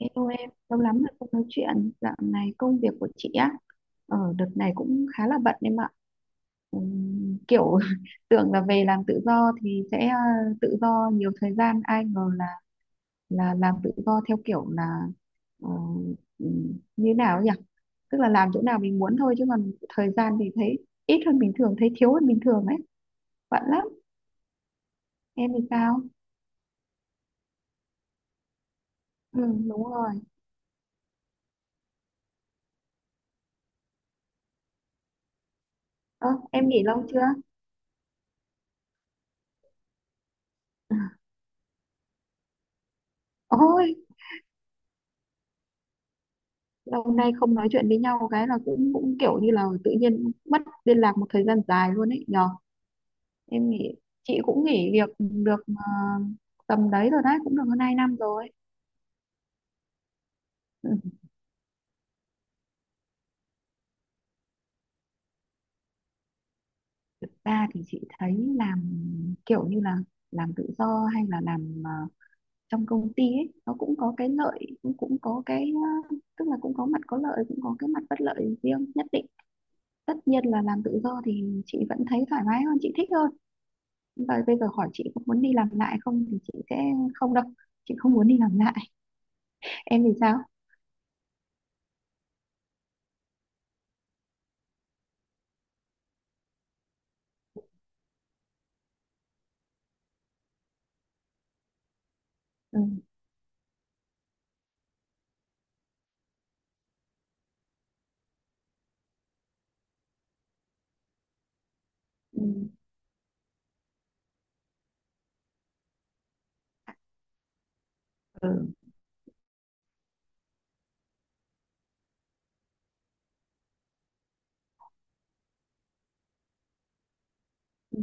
Hello em, lâu lắm rồi không nói chuyện. Dạo này công việc của chị á, ở đợt này cũng khá là bận em ạ. Kiểu tưởng là về làm tự do thì sẽ tự do nhiều thời gian, ai ngờ là làm tự do theo kiểu là ờ, như nào ấy nhỉ? Tức là làm chỗ nào mình muốn thôi chứ còn thời gian thì thấy ít hơn bình thường, thấy thiếu hơn bình thường ấy. Bận lắm. Em thì sao? Ừ, đúng rồi. Ơ, em nghỉ lâu chưa? Ôi, lâu nay không nói chuyện với nhau cái là cũng cũng kiểu như là tự nhiên mất liên lạc một thời gian dài luôn ấy nhờ, em nghĩ chị cũng nghỉ việc được tầm đấy rồi, đấy cũng được hơn 2 năm rồi. Ừ. Thực ra thì chị thấy làm kiểu như là làm tự do hay là làm trong công ty ấy, nó cũng có cái lợi cũng cũng có cái tức là cũng có mặt có lợi cũng có cái mặt bất lợi riêng nhất định. Tất nhiên là làm tự do thì chị vẫn thấy thoải mái hơn, chị thích hơn. Và bây giờ hỏi chị có muốn đi làm lại không thì chị sẽ không đâu, chị không muốn đi làm lại. Em thì sao? Ừ. Ừ. Ừ. Ừ.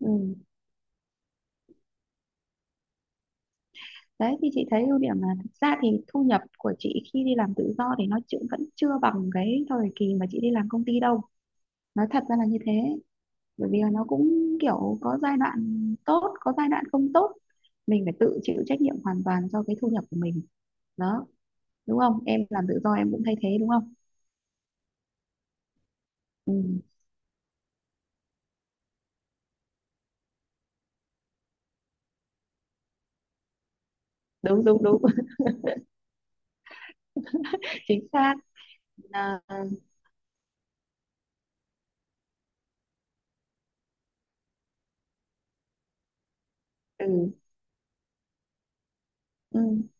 Ừ. Đấy thì chị thấy ưu điểm là thực ra thì thu nhập của chị khi đi làm tự do thì nó chưa, vẫn chưa bằng cái thời kỳ mà chị đi làm công ty đâu, nói thật ra là như thế. Bởi vì là nó cũng kiểu có giai đoạn tốt có giai đoạn không tốt, mình phải tự chịu trách nhiệm hoàn toàn cho cái thu nhập của mình đó, đúng không? Em làm tự do em cũng thay thế đúng không? Ừ. Đúng đúng đúng. Chính xác. À, ừ, ừ,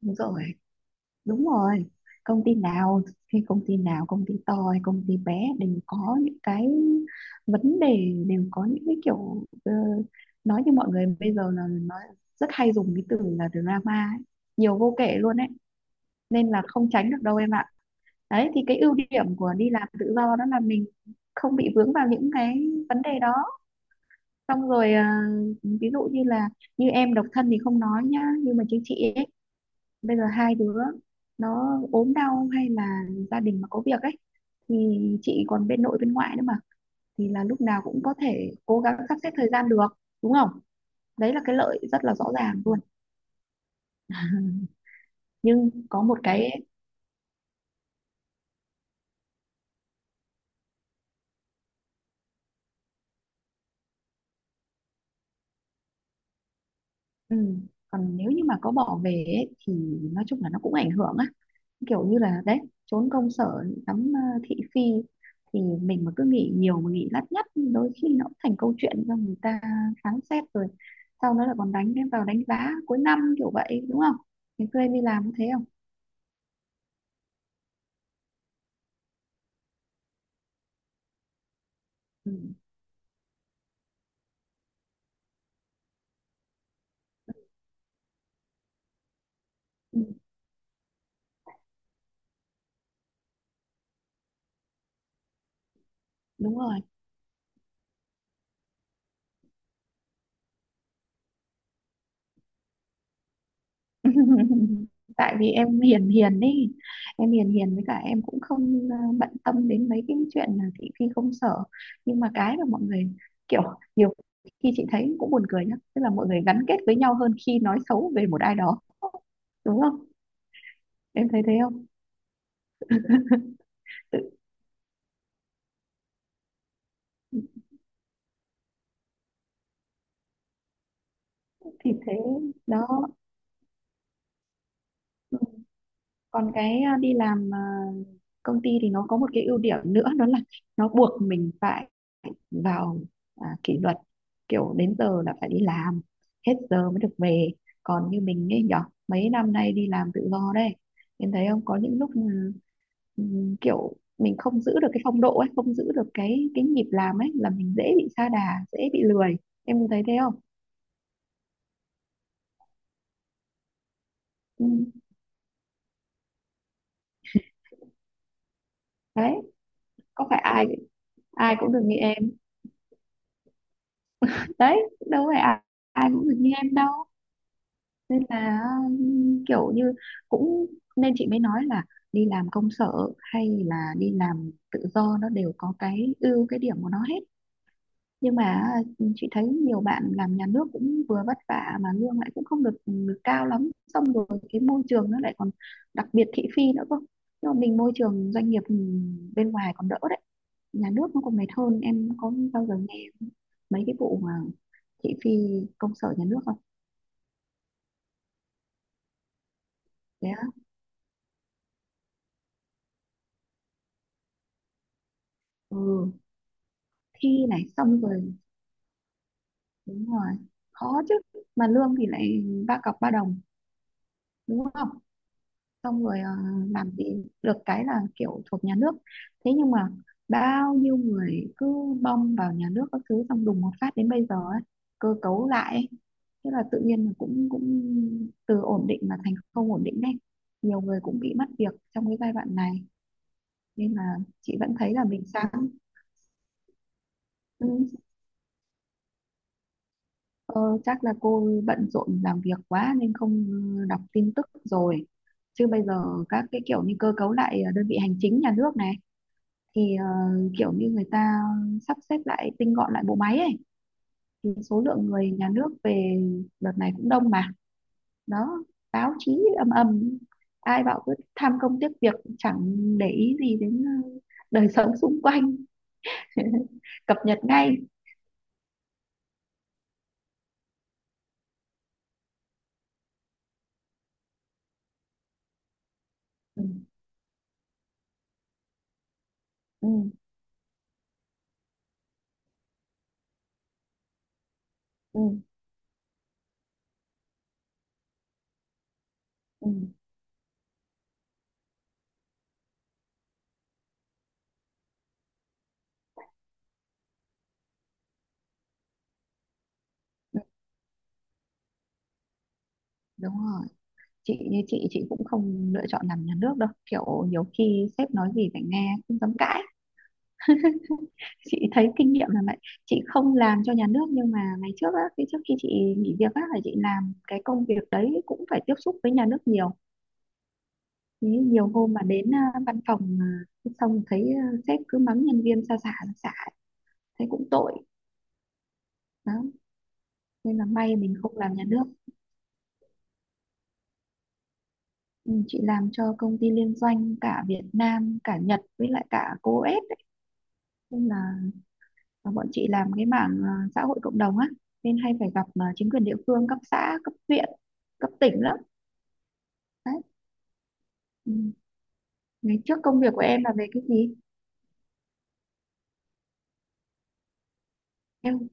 đúng rồi, đúng rồi. Công ty nào thì công ty nào, công ty to hay công ty bé đều có những cái vấn đề, đều có những cái kiểu nói như mọi người bây giờ là nói rất hay dùng cái từ là drama ấy. Nhiều vô kể luôn ấy, nên là không tránh được đâu em ạ. Đấy thì cái ưu điểm của đi làm tự do đó là mình không bị vướng vào những cái vấn đề đó. Xong rồi à, ví dụ như là như em độc thân thì không nói nhá, nhưng mà chứ chị ấy, bây giờ hai đứa nó ốm đau hay là gia đình mà có việc ấy, thì chị còn bên nội bên ngoại nữa mà, thì là lúc nào cũng có thể cố gắng sắp xếp thời gian được, đúng không? Đấy là cái lợi rất là rõ ràng luôn. Nhưng có một cái ấy, ừ, còn nếu như mà có bỏ về ấy, thì nói chung là nó cũng ảnh hưởng á, kiểu như là đấy, trốn công sở ngắm thị phi thì mình mà cứ nghĩ nhiều mà nghĩ lắt nhắt, đôi khi nó cũng thành câu chuyện cho người ta phán xét, rồi sau đó là còn đánh em vào đánh giá cuối năm kiểu vậy, đúng không? Ngày xưa em đi làm có thế không? Ừ. Ừ, đúng rồi. Tại vì em hiền hiền đi, em hiền hiền với cả em cũng không bận tâm đến mấy cái chuyện là thị phi công sở. Nhưng mà cái mà mọi người kiểu, nhiều khi chị thấy cũng buồn cười nhá, tức là mọi người gắn kết với nhau hơn khi nói xấu về một ai đó, đúng không? Em thấy thế không? Tự- thì thế đó. Còn cái à, đi làm à, công ty thì nó có một cái ưu điểm nữa đó là nó buộc mình phải vào à, kỷ luật, kiểu đến giờ là phải đi làm, hết giờ mới được về. Còn như mình ấy nhở, mấy năm nay đi làm tự do đây, em thấy không, có những lúc ừ, ừ, kiểu mình không giữ được cái phong độ ấy, không giữ được cái nhịp làm ấy là mình dễ bị sa đà, dễ bị lười. Em có thấy thế không? Ừ. Đấy, có phải ai ai cũng được như em, đấy đâu phải ai cũng được như em đâu. Nên là kiểu như cũng, nên chị mới nói là đi làm công sở hay là đi làm tự do nó đều có cái ưu cái điểm của nó hết. Nhưng mà chị thấy nhiều bạn làm nhà nước cũng vừa vất vả mà lương lại cũng không được cao lắm, xong rồi cái môi trường nó lại còn đặc biệt thị phi nữa cơ. Nhưng mà mình môi trường doanh nghiệp bên ngoài còn đỡ đấy, nhà nước nó còn mệt hơn. Em có bao giờ nghe mấy cái vụ mà thị phi công sở nhà nước không? Thế á. Ừ. Thi này xong rồi, đúng rồi, khó chứ. Mà lương thì lại ba cọc ba đồng, đúng không? Xong rồi làm gì được cái là kiểu thuộc nhà nước. Thế nhưng mà bao nhiêu người cứ bom vào nhà nước các thứ, xong đùng một phát đến bây giờ ấy, cơ cấu lại ấy. Thế là tự nhiên là cũng cũng từ ổn định mà thành không ổn định đấy, nhiều người cũng bị mất việc trong cái giai đoạn này, nên là chị vẫn thấy là mình sáng. Ừ, ờ, chắc là cô bận rộn làm việc quá nên không đọc tin tức rồi. Chứ bây giờ các cái kiểu như cơ cấu lại đơn vị hành chính nhà nước này thì kiểu như người ta sắp xếp lại, tinh gọn lại bộ máy ấy, thì số lượng người nhà nước về đợt này cũng đông mà. Đó, báo chí ầm ầm, ai bảo cứ tham công tiếc việc chẳng để ý gì đến đời sống xung quanh. Cập nhật ngay. Ừ, ừ, ừ, ừ, ừ, đúng rồi. Chị như chị cũng không lựa chọn làm nhà nước đâu, kiểu nhiều khi sếp nói gì phải nghe không dám cãi. Chị thấy kinh nghiệm là vậy. Chị không làm cho nhà nước nhưng mà ngày trước á, cái trước khi chị nghỉ việc á là chị làm cái công việc đấy cũng phải tiếp xúc với nhà nước nhiều. Thế nhiều hôm mà đến à, văn phòng à, xong thấy à, sếp cứ mắng nhân viên xa xả xa xả, thấy cũng tội đó, nên là may mình không làm nhà nước. Ừ, chị làm cho công ty liên doanh cả Việt Nam cả Nhật với lại cả cô ép ấy, nên là và bọn chị làm cái mảng à, xã hội cộng đồng á, nên hay phải gặp à, chính quyền địa phương cấp xã cấp huyện cấp tỉnh lắm đấy. Ừ. Ngày trước công việc của em là về cái gì? Em,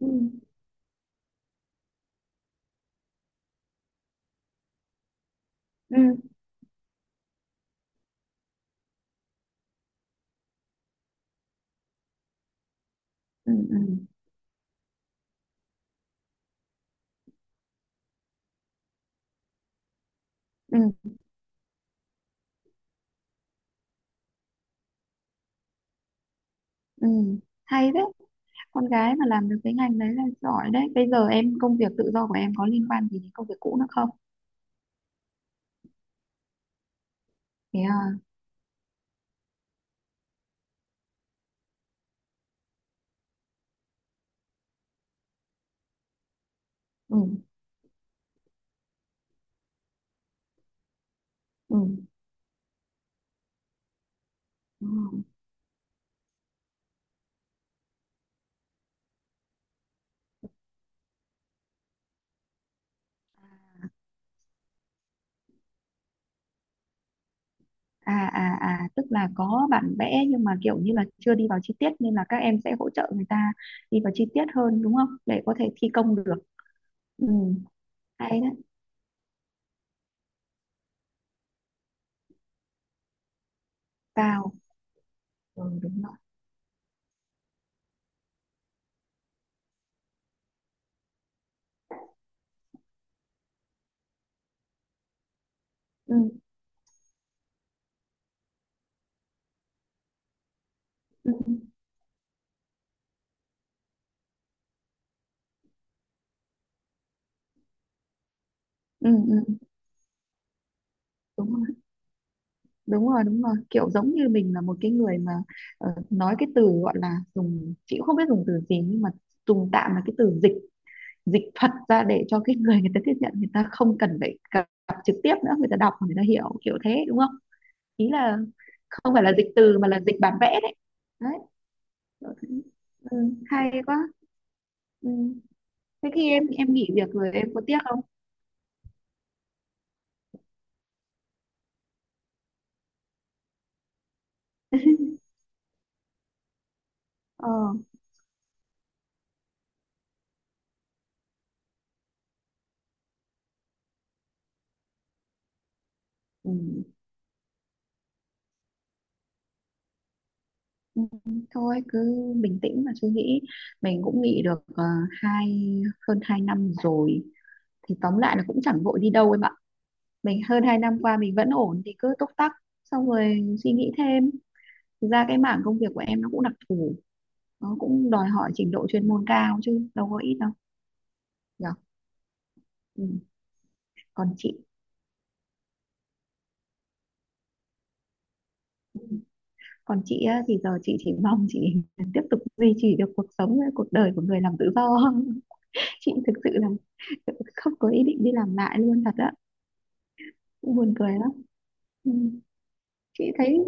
ừ. Ừ. Ừ. Ừ. Ừ. Ừ. Hay đấy, con gái mà làm được cái ngành đấy là giỏi đấy. Bây giờ em công việc tự do của em có liên quan gì đến công việc cũ nữa không? Thế à. Ừ. Ừ, ừ. À à à, tức là có bản vẽ nhưng mà kiểu như là chưa đi vào chi tiết nên là các em sẽ hỗ trợ người ta đi vào chi tiết hơn, đúng không? Để có thể thi công được. Ừ, hay đấy, cao. Ừ, đúng rồi. Ừ, ừ, ừ, ừ, ừ, đúng rồi. Đúng rồi, đúng rồi. Kiểu giống như mình là một cái người mà nói cái từ gọi là dùng chị cũng không biết dùng từ gì, nhưng mà dùng tạm là cái từ dịch dịch thuật ra để cho cái người người ta tiếp nhận, người ta không cần phải gặp trực tiếp nữa, người ta đọc người ta hiểu kiểu thế, đúng không? Ý là không phải là dịch từ mà là dịch bản vẽ đấy. Đấy, ừ, hay quá. Ừ. Thế khi em nghỉ việc rồi em có tiếc không? Ờ, ừ. Ừ, thôi cứ bình tĩnh mà suy nghĩ, mình cũng nghỉ được hai hơn hai năm rồi thì tóm lại là cũng chẳng vội đi đâu em ạ. Mình hơn 2 năm qua mình vẫn ổn thì cứ túc tắc, xong rồi suy nghĩ thêm. Thực ra cái mảng công việc của em nó cũng đặc thù, nó cũng đòi hỏi trình độ chuyên môn cao chứ đâu có ít đâu nhở. Ừ. Còn chị, còn chị á, thì giờ chị chỉ mong chị tiếp tục duy trì được cuộc sống cuộc đời của người làm tự do. Chị thực sự là không có ý định đi làm lại luôn thật á, cũng buồn cười lắm. Ừ. Chị thấy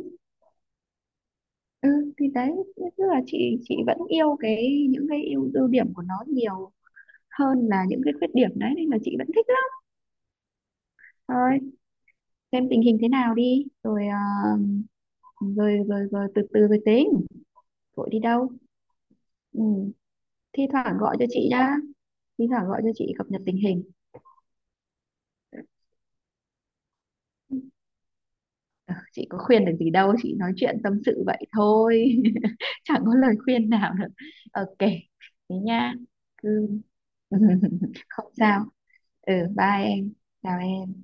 ừ, thì đấy tức là chị vẫn yêu cái những cái ưu ưu điểm của nó nhiều hơn là những cái khuyết điểm đấy, nên là chị vẫn thích lắm. Thôi, xem tình hình thế nào đi rồi à, rồi rồi rồi từ từ rồi tính, vội đi đâu. Ừ. Thi thoảng gọi cho chị đã, thi thoảng gọi cho chị cập nhật tình hình. Ờ, chị có khuyên được gì đâu, chị nói chuyện tâm sự vậy thôi. Chẳng có lời khuyên nào được. OK. Thế nha, cứ không sao. Ừ, bye em. Chào em.